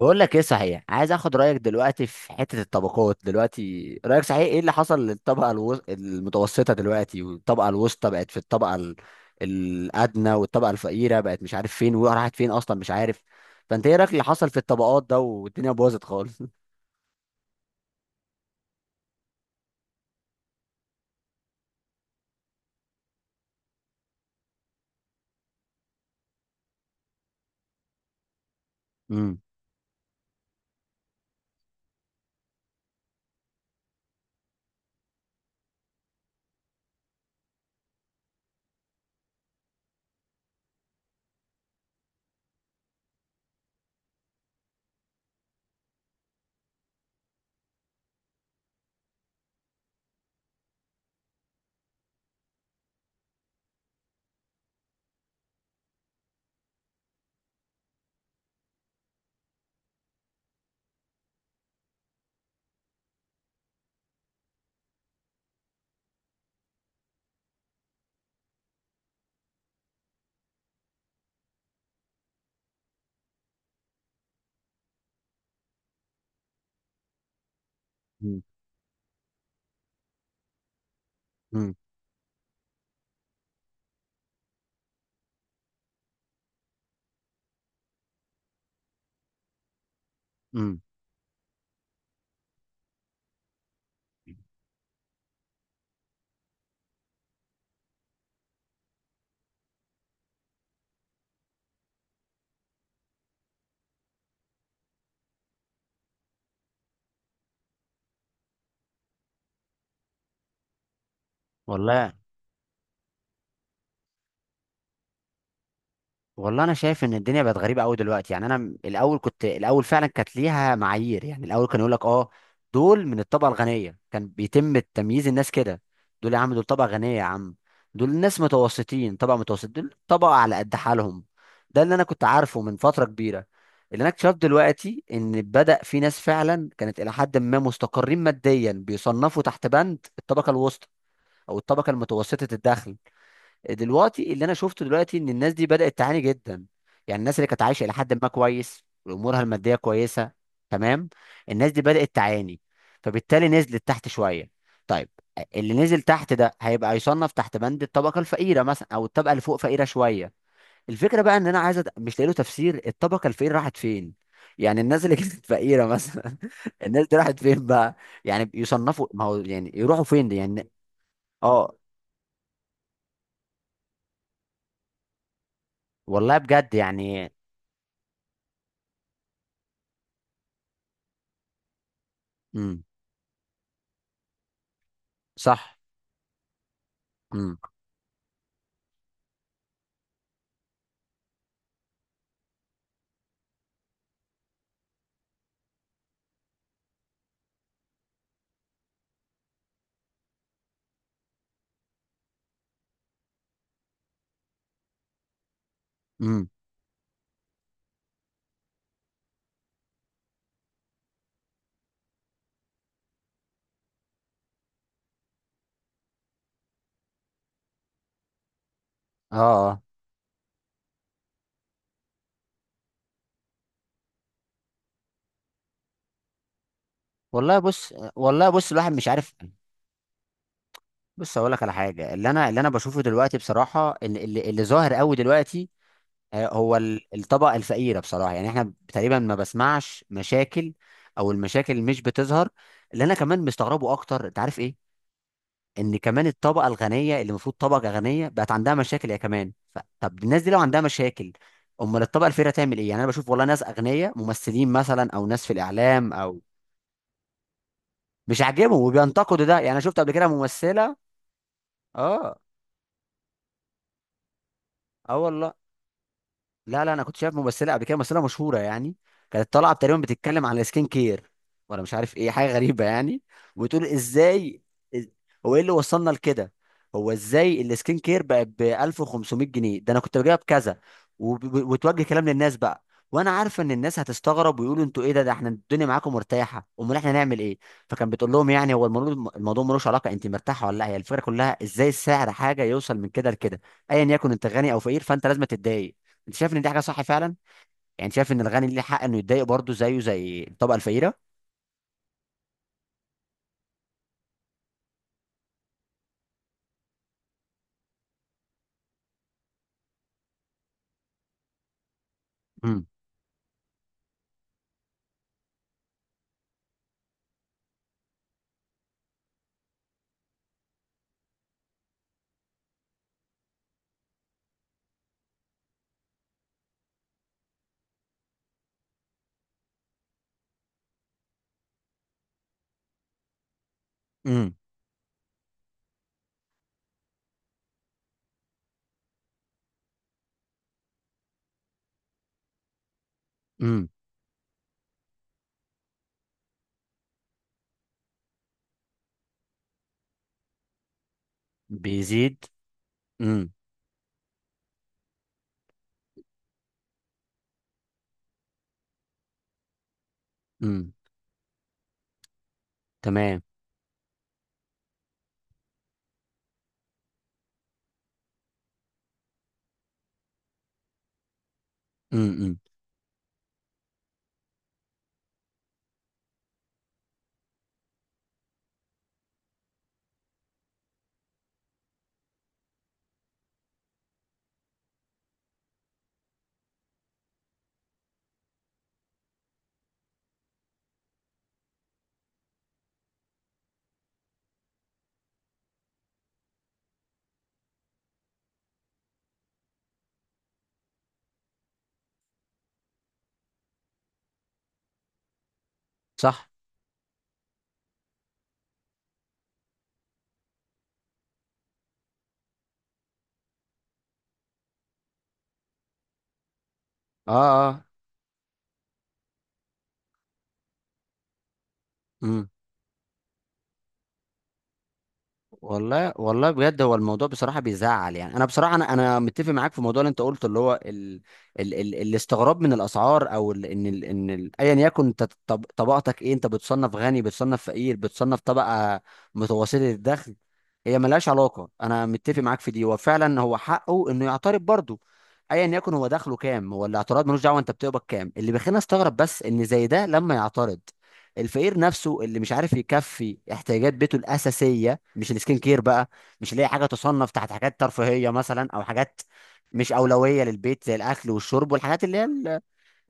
بقول لك ايه صحيح، عايز اخد رايك دلوقتي في حته الطبقات. دلوقتي رايك صحيح ايه اللي حصل للطبقه المتوسطه دلوقتي؟ والطبقه الوسطى بقت في الطبقه الادنى، والطبقه الفقيره بقت مش عارف فين، وراحت فين اصلا مش عارف. فانت ايه رايك اللي حصل في الطبقات ده؟ والدنيا باظت خالص. امم. امم. امم. والله والله انا شايف ان الدنيا بقت غريبه قوي دلوقتي. يعني انا الاول كنت، الاول فعلا كانت ليها معايير. يعني الاول كان يقول لك اه دول من الطبقه الغنيه، كان بيتم تمييز الناس كده. دول يا عم دول طبقه غنيه يا عم، دول ناس متوسطين طبقه متوسط، دول طبقه على قد حالهم. ده اللي انا كنت عارفه من فتره كبيره. اللي انا اكتشفت دلوقتي ان بدأ في ناس فعلا كانت الى حد ما مستقرين ماديا بيصنفوا تحت بند الطبقه الوسطى او الطبقه المتوسطه الدخل. دلوقتي اللي انا شفته دلوقتي ان الناس دي بدأت تعاني جدا. يعني الناس اللي كانت عايشة الى حد ما كويس وامورها المادية كويسة، تمام، الناس دي بدأت تعاني، فبالتالي نزلت تحت شوية. طيب، اللي نزل تحت ده هيبقى يصنف تحت بند الطبقة الفقيرة مثلا، او الطبقة اللي فوق فقيرة شوية. الفكرة بقى ان انا عايز مش لاقي له تفسير، الطبقة الفقيرة راحت فين؟ يعني الناس اللي كانت فقيرة مثلا الناس دي راحت فين بقى؟ يعني يصنفوا، ما هو يعني يروحوا فين دي يعني؟ اه. والله بجد يعني. مم. صح. امم. امم. اه اه. والله بص، والله بص الواحد مش عارف. بص اقول لك على حاجه، اللي انا، اللي انا بشوفه دلوقتي بصراحه، اللي ظاهر قوي دلوقتي، هو الطبقه الفقيره بصراحه، يعني احنا تقريبا ما بسمعش مشاكل، او المشاكل مش بتظهر. اللي انا كمان مستغربه اكتر انت عارف ايه؟ ان كمان الطبقه الغنيه اللي المفروض طبقه غنيه بقت عندها مشاكل يا كمان. طب الناس دي لو عندها مشاكل، امال الطبقه الفقيره تعمل ايه؟ يعني انا بشوف والله ناس اغنياء، ممثلين مثلا، او ناس في الاعلام، او مش عاجبهم وبينتقدوا ده. يعني انا شفت قبل كده ممثله. اه اه والله. لا لا انا كنت شايف ممثله قبل كده، ممثله مشهوره يعني، كانت طالعه تقريبا بتتكلم عن السكين كير، ولا مش عارف ايه حاجه غريبه يعني. وتقول ازاي، إز- هو ايه اللي وصلنا لكده؟ هو ازاي السكين كير بقى ب 1500 جنيه، ده انا كنت بجيبها بكذا. وتوجه كلام للناس بقى، وانا عارفه ان الناس هتستغرب ويقولوا انتوا ايه ده، ده احنا الدنيا معاكم مرتاحه، امال احنا نعمل ايه؟ فكان بتقول لهم يعني هو الموضوع، الموضوع ملوش علاقه انت مرتاحه ولا لا، هي الفكره كلها ازاي السعر حاجه يوصل من كده لكده؟ ايا يكن انت غني او فقير فانت لازم تتضايق. انت شايف ان دي حاجه صح فعلا؟ يعني شايف ان الغني ليه حق انه يتضايق برضه زيه زي الطبقه الفقيره؟ امم. امم. امم. بيزيد. امم. امم. تمام. امم. امم. صح. اه اه. والله والله بجد هو الموضوع بصراحه بيزعل. يعني انا بصراحه انا انا متفق معاك في الموضوع اللي انت قلته، اللي هو الاستغراب من الاسعار. او ايا يكن انت طبقتك ايه، انت بتصنف غني، بتصنف فقير، بتصنف طبقه متوسطه الدخل، هي ملهاش علاقه. انا متفق معاك في دي، وفعلا هو حقه انه يعترض برضه، ايا يكن هو دخله كام. هو الاعتراض ملوش دعوه انت بتقبض كام. اللي بيخلينا استغرب بس ان زي ده لما يعترض، الفقير نفسه اللي مش عارف يكفي احتياجات بيته الاساسيه، مش السكين كير بقى، مش اللي هي حاجه تصنف تحت حاجات ترفيهيه مثلا، او حاجات مش اولويه للبيت زي الاكل والشرب والحاجات اللي هي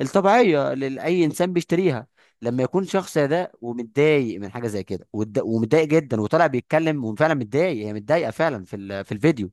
الطبيعية اللي أي إنسان بيشتريها. لما يكون شخص ده ومتضايق من حاجة زي كده، ومتضايق جدا وطالع بيتكلم وفعلا متضايق، هي متضايقة فعلا في في الفيديو،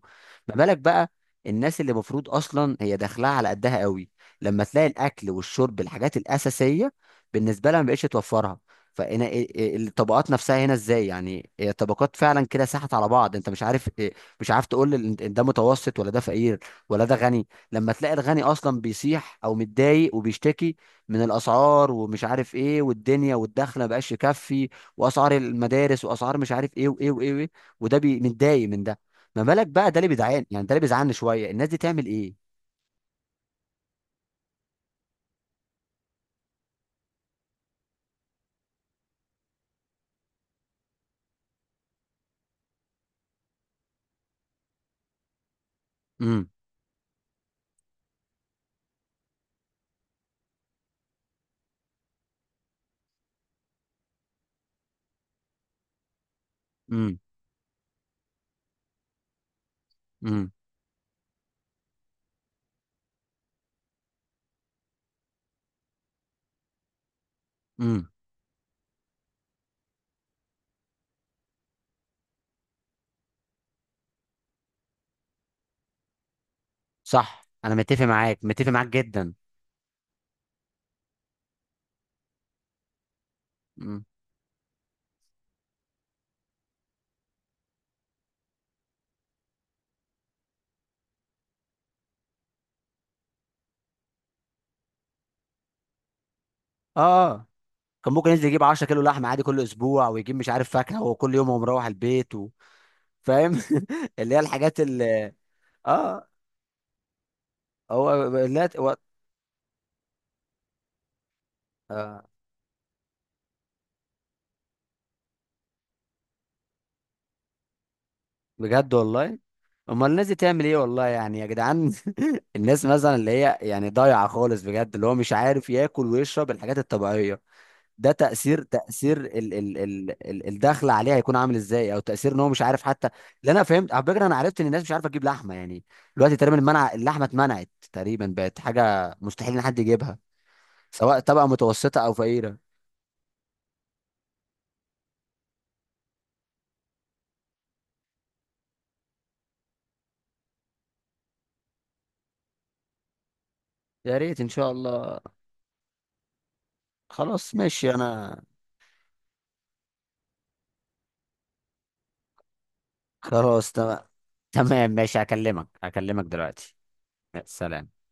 ما بالك بقى الناس اللي المفروض أصلا هي داخلها على قدها قوي؟ لما تلاقي الأكل والشرب الحاجات الأساسية بالنسبة لها ما بقتش توفرها. فهنا إيه الطبقات نفسها هنا ازاي؟ يعني هي الطبقات فعلا كده ساحت على بعض. انت مش عارف مش عارف تقول ده متوسط، ولا ده فقير، ولا ده غني، لما تلاقي الغني اصلا بيسيح او متضايق وبيشتكي من الاسعار ومش عارف ايه والدنيا، والدخل ما بقاش يكفي، واسعار المدارس، واسعار مش عارف ايه وايه وايه، وإيه. وده بي متضايق من ده، ما بالك بقى؟ ده اللي بيزعل يعني، ده اللي بيزعلني شويه، الناس دي تعمل ايه؟ امم. امم. امم. امم. صح، انا متفق معاك، متفق معاك جدا. امم. اه. آه. كان ممكن ينزل يجيب 10 كيلو لحمه عادي كل اسبوع، ويجيب مش عارف فاكهه، وكل يوم هو مروح البيت و... فاهم؟ اللي هي الحاجات اللي، اه. هو، لا. آه. بجد والله، امال الناس دي تعمل ايه والله يعني يا جدعان؟ الناس مثلا اللي هي يعني ضايعه خالص بجد، اللي هو مش عارف ياكل ويشرب الحاجات الطبيعيه، ده تاثير، تاثير ال ال ال ال الدخل عليه هيكون عامل ازاي؟ او تاثير ان هو مش عارف حتى. اللي انا فهمت على فكره، انا عرفت ان الناس مش عارفه تجيب لحمه يعني. دلوقتي تقريبا المنع، اللحمه اتمنعت تقريبا، بقت حاجه مستحيل ان حد يجيبها، سواء طبقه متوسطه او فقيره. يا ريت ان شاء الله. خلاص ماشي انا. خلاص تمام. تمام ماشي، هكلمك، هكلمك دلوقتي. يا سلام.